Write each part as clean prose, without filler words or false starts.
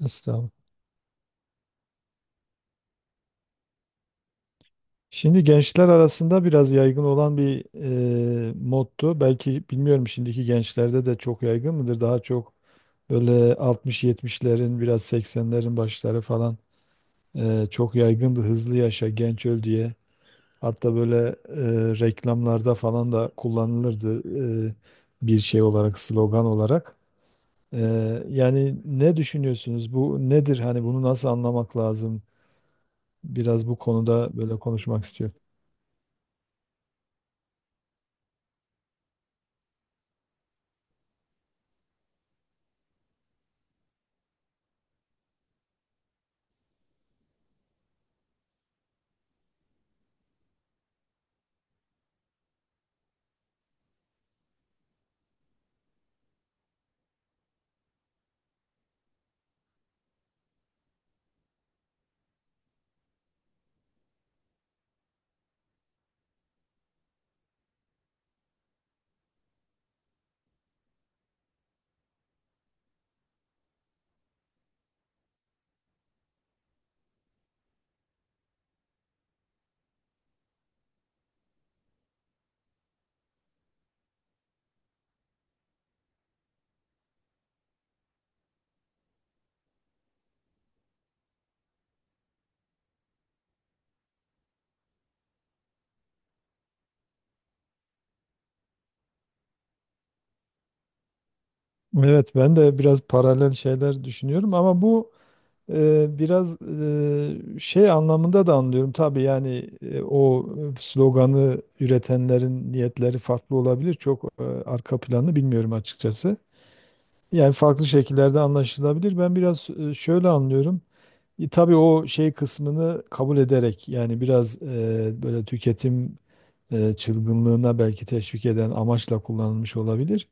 Estağfurullah. Şimdi gençler arasında biraz yaygın olan bir moddu. Belki bilmiyorum, şimdiki gençlerde de çok yaygın mıdır? Daha çok böyle altmış-yetmişlerin, biraz seksenlerin başları falan çok yaygındı. Hızlı yaşa, genç öl diye. Hatta böyle reklamlarda falan da kullanılırdı e, bir şey olarak, slogan olarak. E, Yani ne düşünüyorsunuz? Bu nedir? Hani bunu nasıl anlamak lazım? Biraz bu konuda böyle konuşmak istiyorum. Evet, ben de biraz paralel şeyler düşünüyorum ama bu şey anlamında da anlıyorum. Tabii yani o sloganı üretenlerin niyetleri farklı olabilir. Çok arka planı bilmiyorum açıkçası. Yani farklı şekillerde anlaşılabilir. Ben biraz şöyle anlıyorum. Tabii o şey kısmını kabul ederek yani biraz böyle tüketim çılgınlığına belki teşvik eden amaçla kullanılmış olabilir.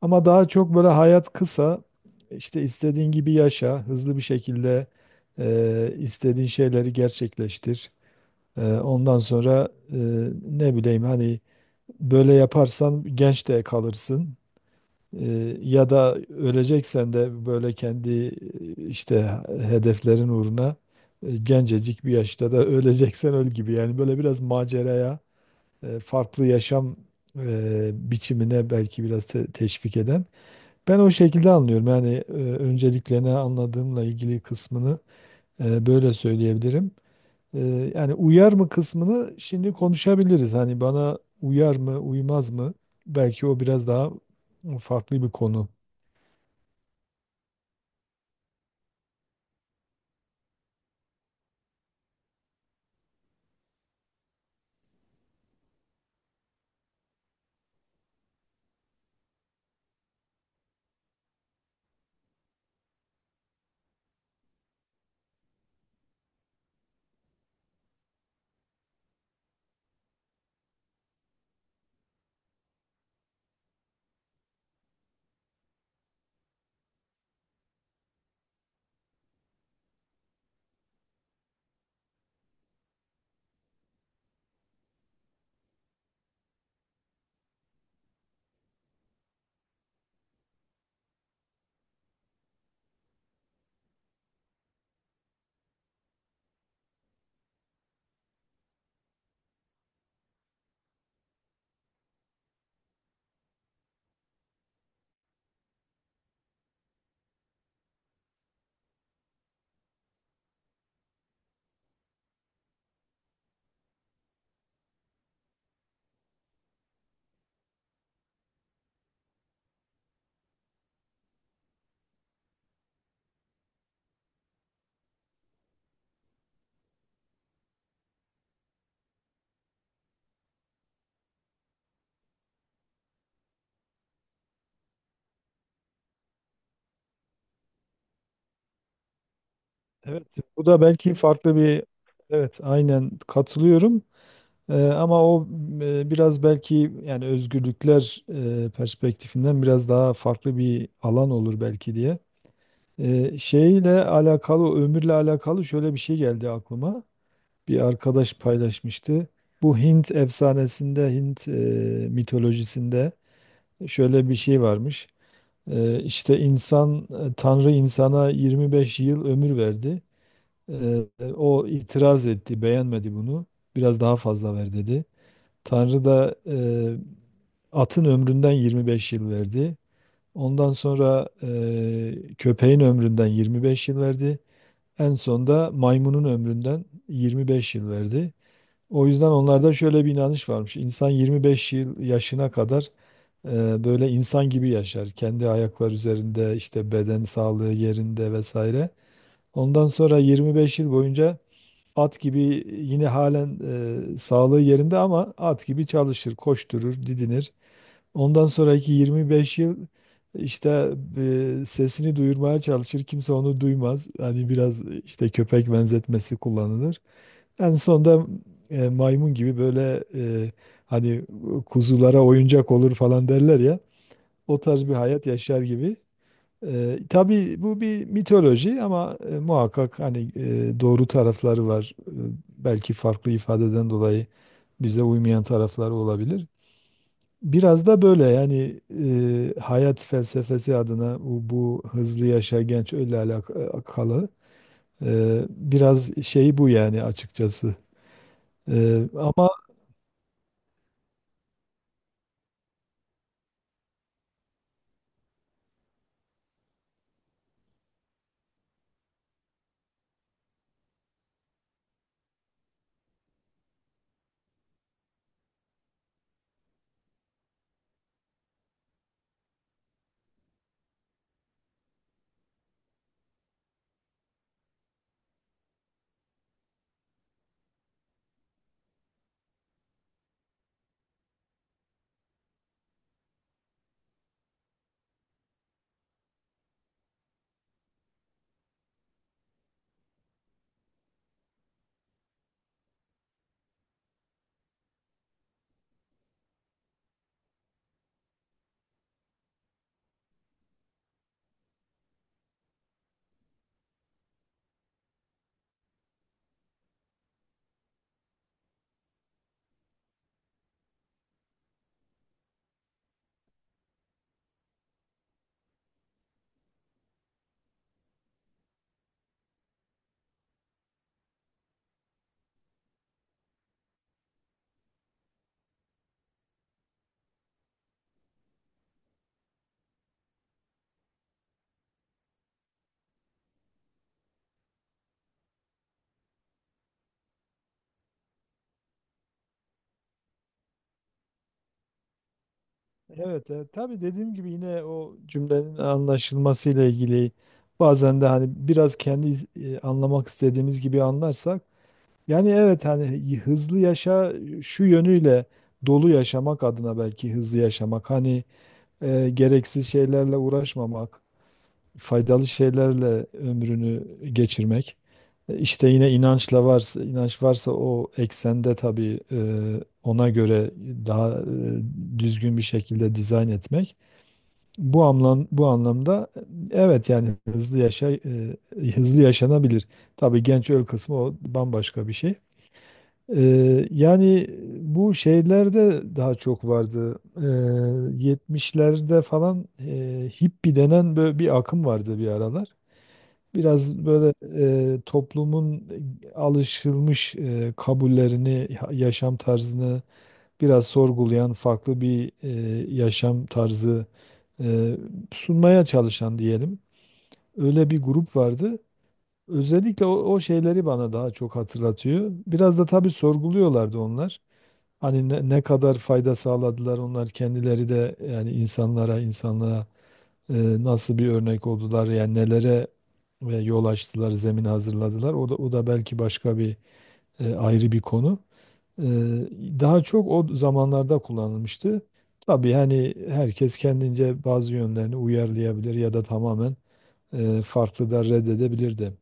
Ama daha çok böyle hayat kısa, işte istediğin gibi yaşa, hızlı bir şekilde istediğin şeyleri gerçekleştir. Ondan sonra ne bileyim, hani böyle yaparsan genç de kalırsın. E, Ya da öleceksen de böyle kendi işte hedeflerin uğruna gencecik bir yaşta da öleceksen öl gibi. Yani böyle biraz maceraya, farklı yaşam biçimine belki biraz teşvik eden. Ben o şekilde anlıyorum. Yani öncelikle ne anladığımla ilgili kısmını böyle söyleyebilirim. E, Yani uyar mı kısmını şimdi konuşabiliriz. Hani bana uyar mı, uymaz mı? Belki o biraz daha farklı bir konu. Evet, bu da belki farklı bir evet aynen katılıyorum. Ama o biraz belki yani özgürlükler perspektifinden biraz daha farklı bir alan olur belki diye. Şeyle alakalı, ömürle alakalı şöyle bir şey geldi aklıma. Bir arkadaş paylaşmıştı. Bu Hint efsanesinde, Hint mitolojisinde şöyle bir şey varmış. İşte Tanrı insana 25 yıl ömür verdi. Ee, O itiraz etti, beğenmedi bunu. Biraz daha fazla ver dedi. Tanrı da atın ömründen 25 yıl verdi. Ondan sonra köpeğin ömründen 25 yıl verdi. En son da maymunun ömründen 25 yıl verdi. O yüzden onlarda şöyle bir inanış varmış. İnsan 25 yıl yaşına kadar böyle insan gibi yaşar. Kendi ayaklar üzerinde, işte beden sağlığı yerinde vesaire. Ondan sonra 25 yıl boyunca at gibi yine halen sağlığı yerinde ama at gibi çalışır, koşturur, didinir. Ondan sonraki 25 yıl işte sesini duyurmaya çalışır. Kimse onu duymaz. Hani biraz işte köpek benzetmesi kullanılır. En sonunda maymun gibi böyle hani kuzulara oyuncak olur falan derler ya. O tarz bir hayat yaşar gibi. Tabii bu bir mitoloji ama muhakkak hani doğru tarafları var. Belki farklı ifadeden dolayı bize uymayan tarafları olabilir. Biraz da böyle yani hayat felsefesi adına bu hızlı yaşa genç öyle alakalı biraz şey bu yani açıkçası. E, ama evet tabii dediğim gibi yine o cümlenin anlaşılmasıyla ilgili bazen de hani biraz kendi anlamak istediğimiz gibi anlarsak yani evet hani hızlı yaşa şu yönüyle dolu yaşamak adına belki hızlı yaşamak hani gereksiz şeylerle uğraşmamak, faydalı şeylerle ömrünü geçirmek. İşte yine inançla varsa, inanç varsa o eksende tabii ona göre daha düzgün bir şekilde dizayn etmek. Bu anlamda evet yani hızlı yaşa, hızlı yaşanabilir. Tabii genç öl kısmı o bambaşka bir şey. E, Yani bu şeylerde daha çok vardı. 70'lerde falan hippie denen böyle bir akım vardı bir aralar. Biraz böyle toplumun alışılmış kabullerini, yaşam tarzını biraz sorgulayan farklı bir yaşam tarzı e, sunmaya çalışan diyelim. Öyle bir grup vardı. Özellikle o şeyleri bana daha çok hatırlatıyor. Biraz da tabii sorguluyorlardı onlar. Hani ne kadar fayda sağladılar onlar kendileri de yani insanlara, insanlığa nasıl bir örnek oldular, yani nelere ve yol açtılar, zemin hazırladılar. O da belki başka bir ayrı bir konu. E, Daha çok o zamanlarda kullanılmıştı. Tabii hani herkes kendince bazı yönlerini uyarlayabilir ya da tamamen farklı da reddedebilirdi.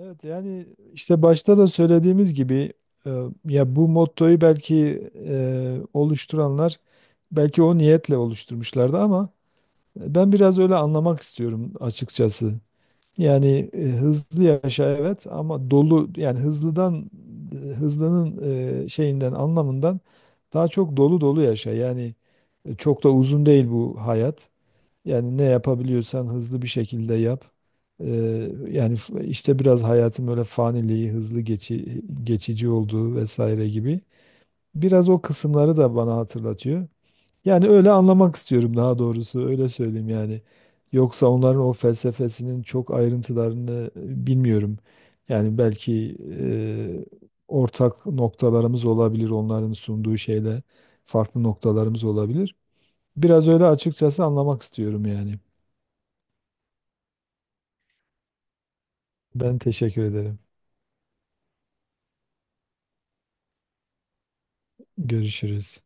Evet yani işte başta da söylediğimiz gibi e, ya bu mottoyu belki oluşturanlar belki o niyetle oluşturmuşlardı ama ben biraz öyle anlamak istiyorum açıkçası. Yani hızlı yaşa evet ama dolu, yani hızlıdan e, hızlının şeyinden, anlamından daha çok dolu dolu yaşa. Yani çok da uzun değil bu hayat. Yani ne yapabiliyorsan hızlı bir şekilde yap. Yani işte biraz hayatın böyle faniliği, hızlı geçici olduğu vesaire gibi. Biraz o kısımları da bana hatırlatıyor. Yani öyle anlamak istiyorum, daha doğrusu öyle söyleyeyim yani. Yoksa onların o felsefesinin çok ayrıntılarını bilmiyorum. Yani belki ortak noktalarımız olabilir onların sunduğu şeyle, farklı noktalarımız olabilir. Biraz öyle açıkçası anlamak istiyorum yani. Ben teşekkür ederim. Görüşürüz.